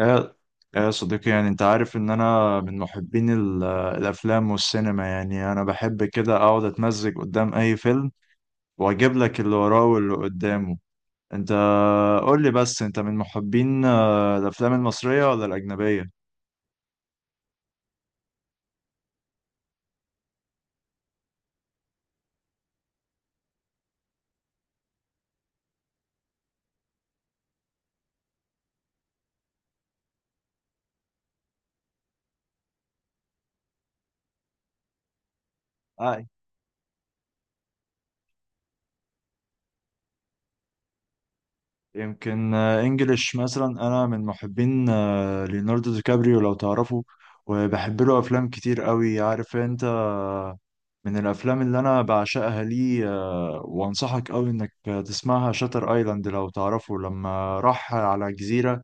يا يا صديقي، يعني انت عارف ان انا من محبين الافلام والسينما. يعني انا بحب كده اقعد اتمزج قدام اي فيلم، واجيب لك اللي وراه واللي قدامه. انت قول لي بس، انت من محبين الافلام المصرية ولا الاجنبية؟ اي يمكن انجليش مثلا. انا من محبين ليوناردو دي كابريو لو تعرفه، وبحب له افلام كتير قوي عارف انت. من الافلام اللي انا بعشقها ليه وانصحك قوي انك تسمعها، شاتر ايلاند لو تعرفه، لما راح على جزيرة.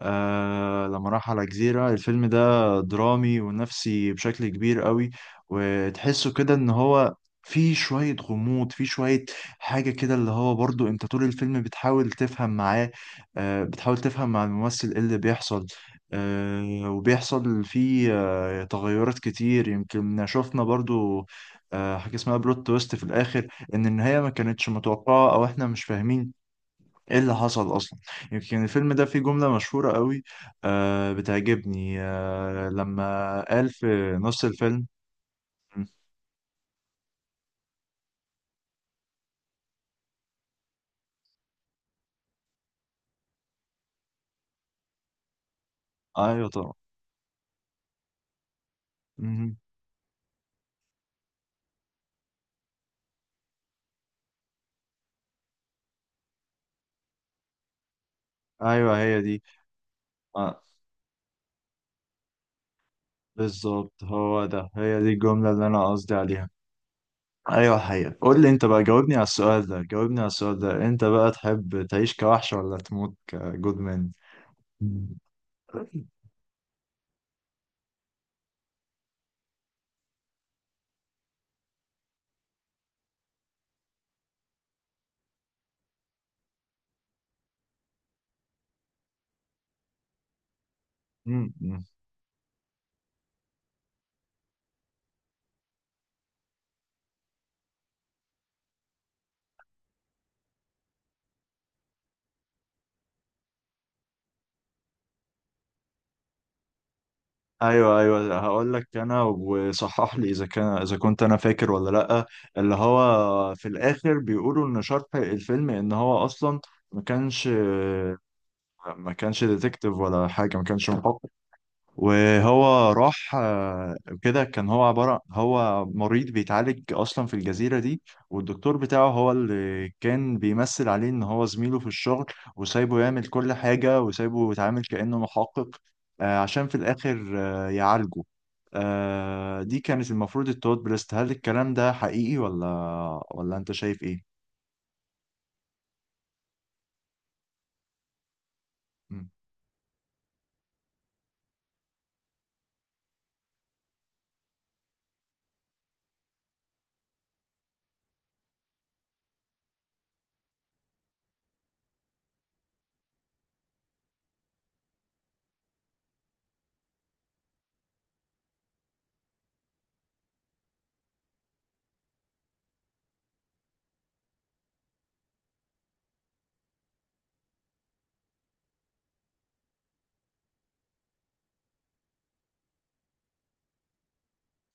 لما راح على جزيرة، الفيلم ده درامي ونفسي بشكل كبير قوي، وتحسه كده ان هو في شوية غموض، في شوية حاجة كده. اللي هو برضو انت طول الفيلم بتحاول تفهم معاه، بتحاول تفهم مع الممثل ايه اللي بيحصل. وبيحصل فيه تغيرات كتير. يمكن شفنا برضو حاجة اسمها بلوت تويست في الآخر. ان النهاية ما كانتش متوقعة، او احنا مش فاهمين ايه اللي حصل اصلا. يمكن الفيلم ده فيه جملة مشهورة قوي بتعجبني، لما قال في نص الفيلم. م، ايوه طبعا. مهم. ايوه هي دي. آه بالظبط، هو ده، هي دي الجملة اللي انا قصدي عليها. ايوه الحقيقة. قول لي انت بقى، جاوبني على السؤال ده، جاوبني على السؤال ده، انت بقى تحب تعيش كوحش ولا تموت كجود مان؟ ايوه ايوه، هقول لك انا وصحح لي، اذا كان اذا كنت انا فاكر ولا لا. اللي هو في الاخر بيقولوا ان شرح الفيلم ان هو اصلا ما كانش ما كانش ديتكتيف ولا حاجه، ما كانش محقق. وهو راح كده. كان هو عبارة، هو مريض بيتعالج أصلا في الجزيرة دي، والدكتور بتاعه هو اللي كان بيمثل عليه إن هو زميله في الشغل، وسايبه يعمل كل حاجة وسايبه يتعامل كأنه محقق، عشان في الآخر يعالجه. دي كانت المفروض التوت بريست. هل الكلام ده حقيقي، ولا أنت شايف إيه؟ مم.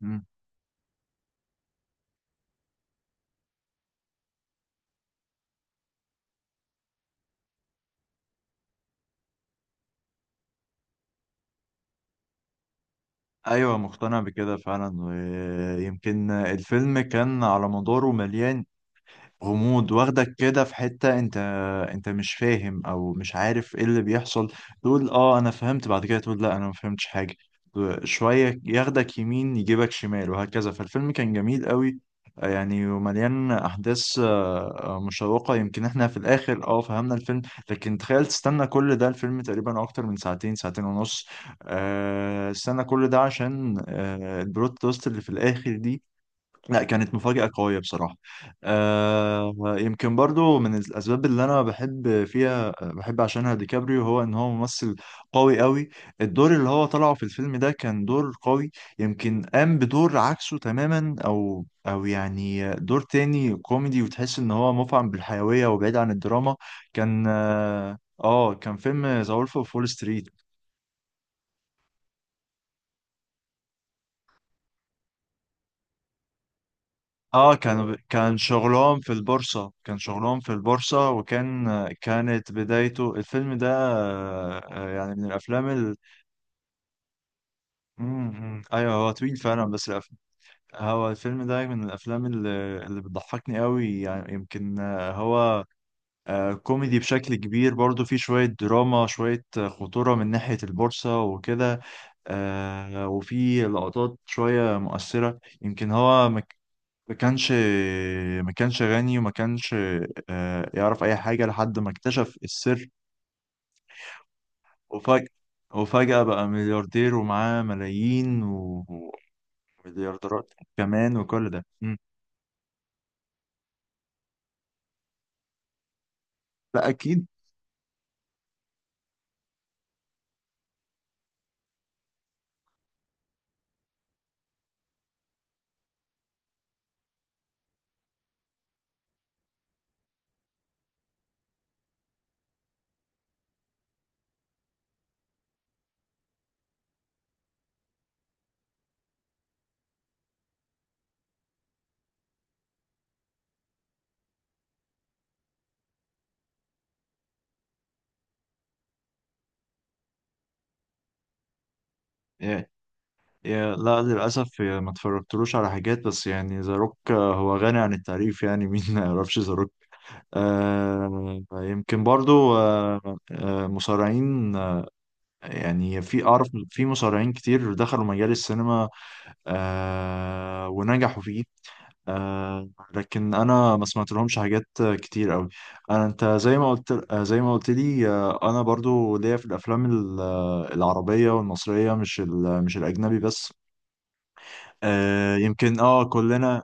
مم. ايوه مقتنع بكده فعلا. ويمكن الفيلم كان على مداره مليان غموض، واخدك كده في حتة، انت انت مش فاهم او مش عارف ايه اللي بيحصل. تقول اه انا فهمت، بعد كده تقول لا انا ما فهمتش حاجة. شوية ياخدك يمين، يجيبك شمال، وهكذا. فالفيلم كان جميل قوي، يعني ومليان احداث مشوقة. يمكن احنا في الاخر اه فهمنا الفيلم، لكن تخيل تستنى كل ده. الفيلم تقريبا اكتر من ساعتين، ساعتين ونص. استنى كل ده عشان البلوت تويست اللي في الاخر دي، لا كانت مفاجأة قوية بصراحة. يمكن برضو من الأسباب اللي أنا بحب فيها، بحب عشانها ديكابريو، هو إن هو ممثل قوي قوي. الدور اللي هو طلعه في الفيلم ده كان دور قوي. يمكن قام بدور عكسه تماما، أو يعني دور تاني كوميدي، وتحس إن هو مفعم بالحيوية وبعيد عن الدراما. كان كان فيلم ذا وولف أوف وول ستريت. اه كان شغلهم في البورصة، كان شغلهم في البورصة، وكان كانت بدايته. الفيلم ده يعني من الأفلام. مم، مم. أيوه هو طويل فعلا، بس هو الفيلم ده من الأفلام اللي بتضحكني قوي. يعني يمكن هو كوميدي بشكل كبير، برضو فيه شوية دراما، شوية خطورة من ناحية البورصة وكده. وفيه لقطات شوية مؤثرة. يمكن هو ما كانش ما كانش غني، وما كانش يعرف اي حاجه لحد ما اكتشف السر. وفجأة، وفجأة بقى ملياردير ومعاه ملايين ومليارديرات كمان. وكل ده. مم. لا اكيد. يا- لا للاسف، يا ما اتفرجتلوش على حاجات. بس يعني ذا روك هو غني عن التعريف يعني. مين ما يعرفش ذا روك؟ يمكن برضو مصارعين. يعني في، اعرف في مصارعين كتير دخلوا مجال السينما ونجحوا فيه. آه لكن انا ما سمعت لهمش حاجات كتير قوي. انت زي ما قلت آه، زي ما قلت لي. انا برضو ليا في الافلام العربيه والمصريه، مش الاجنبي بس. يمكن اه كلنا.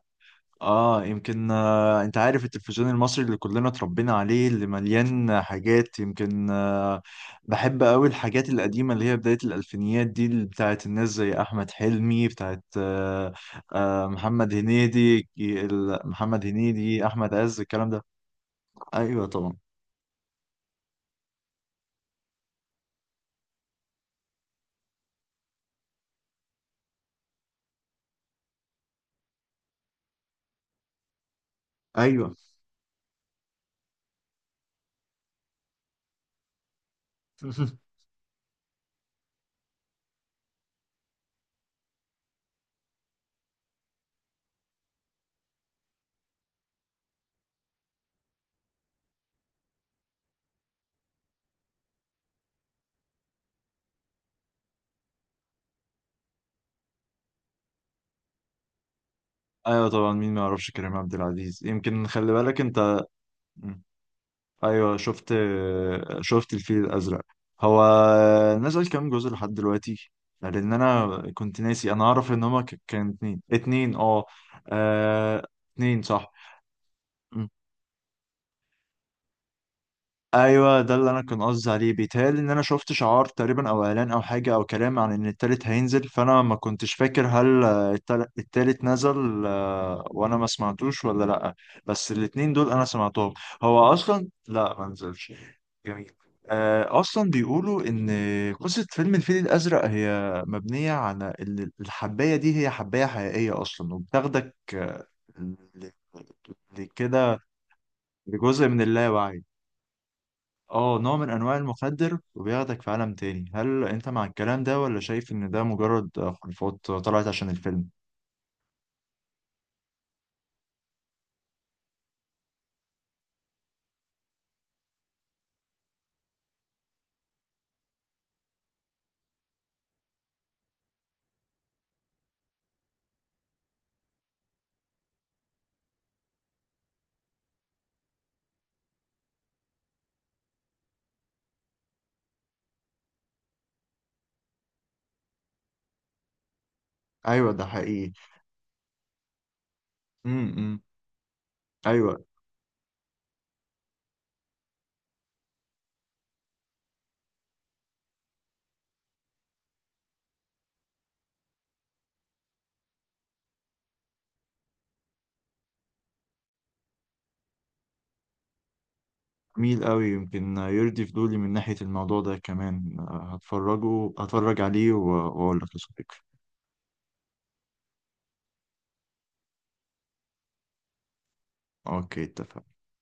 اه يمكن انت عارف التلفزيون المصري اللي كلنا اتربينا عليه اللي مليان حاجات. يمكن بحب قوي الحاجات القديمة، اللي هي بداية الألفينيات دي، اللي بتاعت الناس زي أحمد حلمي، بتاعت محمد هنيدي. محمد هنيدي، أحمد عز، الكلام ده. أيوه طبعا. أيوه. ايوه طبعا، مين ما يعرفش كريم عبد العزيز؟ يمكن خلي بالك انت. ايوه شفت الفيل الازرق. هو نزل كام جزء لحد دلوقتي؟ لان انا كنت ناسي. انا اعرف ان هما كان اتنين، اتنين اه. آه، اتنين، صح. ايوه ده اللي انا كنت قصدي عليه. بيتهيألي ان انا شفت شعار تقريبا، او اعلان، او حاجه، او كلام عن ان التالت هينزل. فانا ما كنتش فاكر هل التالت نزل وانا ما سمعتوش ولا لا. بس الاتنين دول انا سمعتهم. هو اصلا لا ما نزلش. جميل. اصلا بيقولوا ان قصه فيلم الفيل الازرق هي مبنيه على ان الحبايه دي هي حبايه حقيقيه اصلا، وبتاخدك ل- ل- لكده، لجزء من اللاوعي. اه نوع من انواع المخدر، وبياخدك في عالم تاني. هل انت مع الكلام ده، ولا شايف ان ده مجرد خرافات طلعت عشان الفيلم؟ ايوه ده حقيقي. امم. ايوه جميل قوي. يمكن يرضي فضولي من ناحية الموضوع ده كمان. هتفرج عليه واقول لك يا صديقي. اوكي اتفقنا.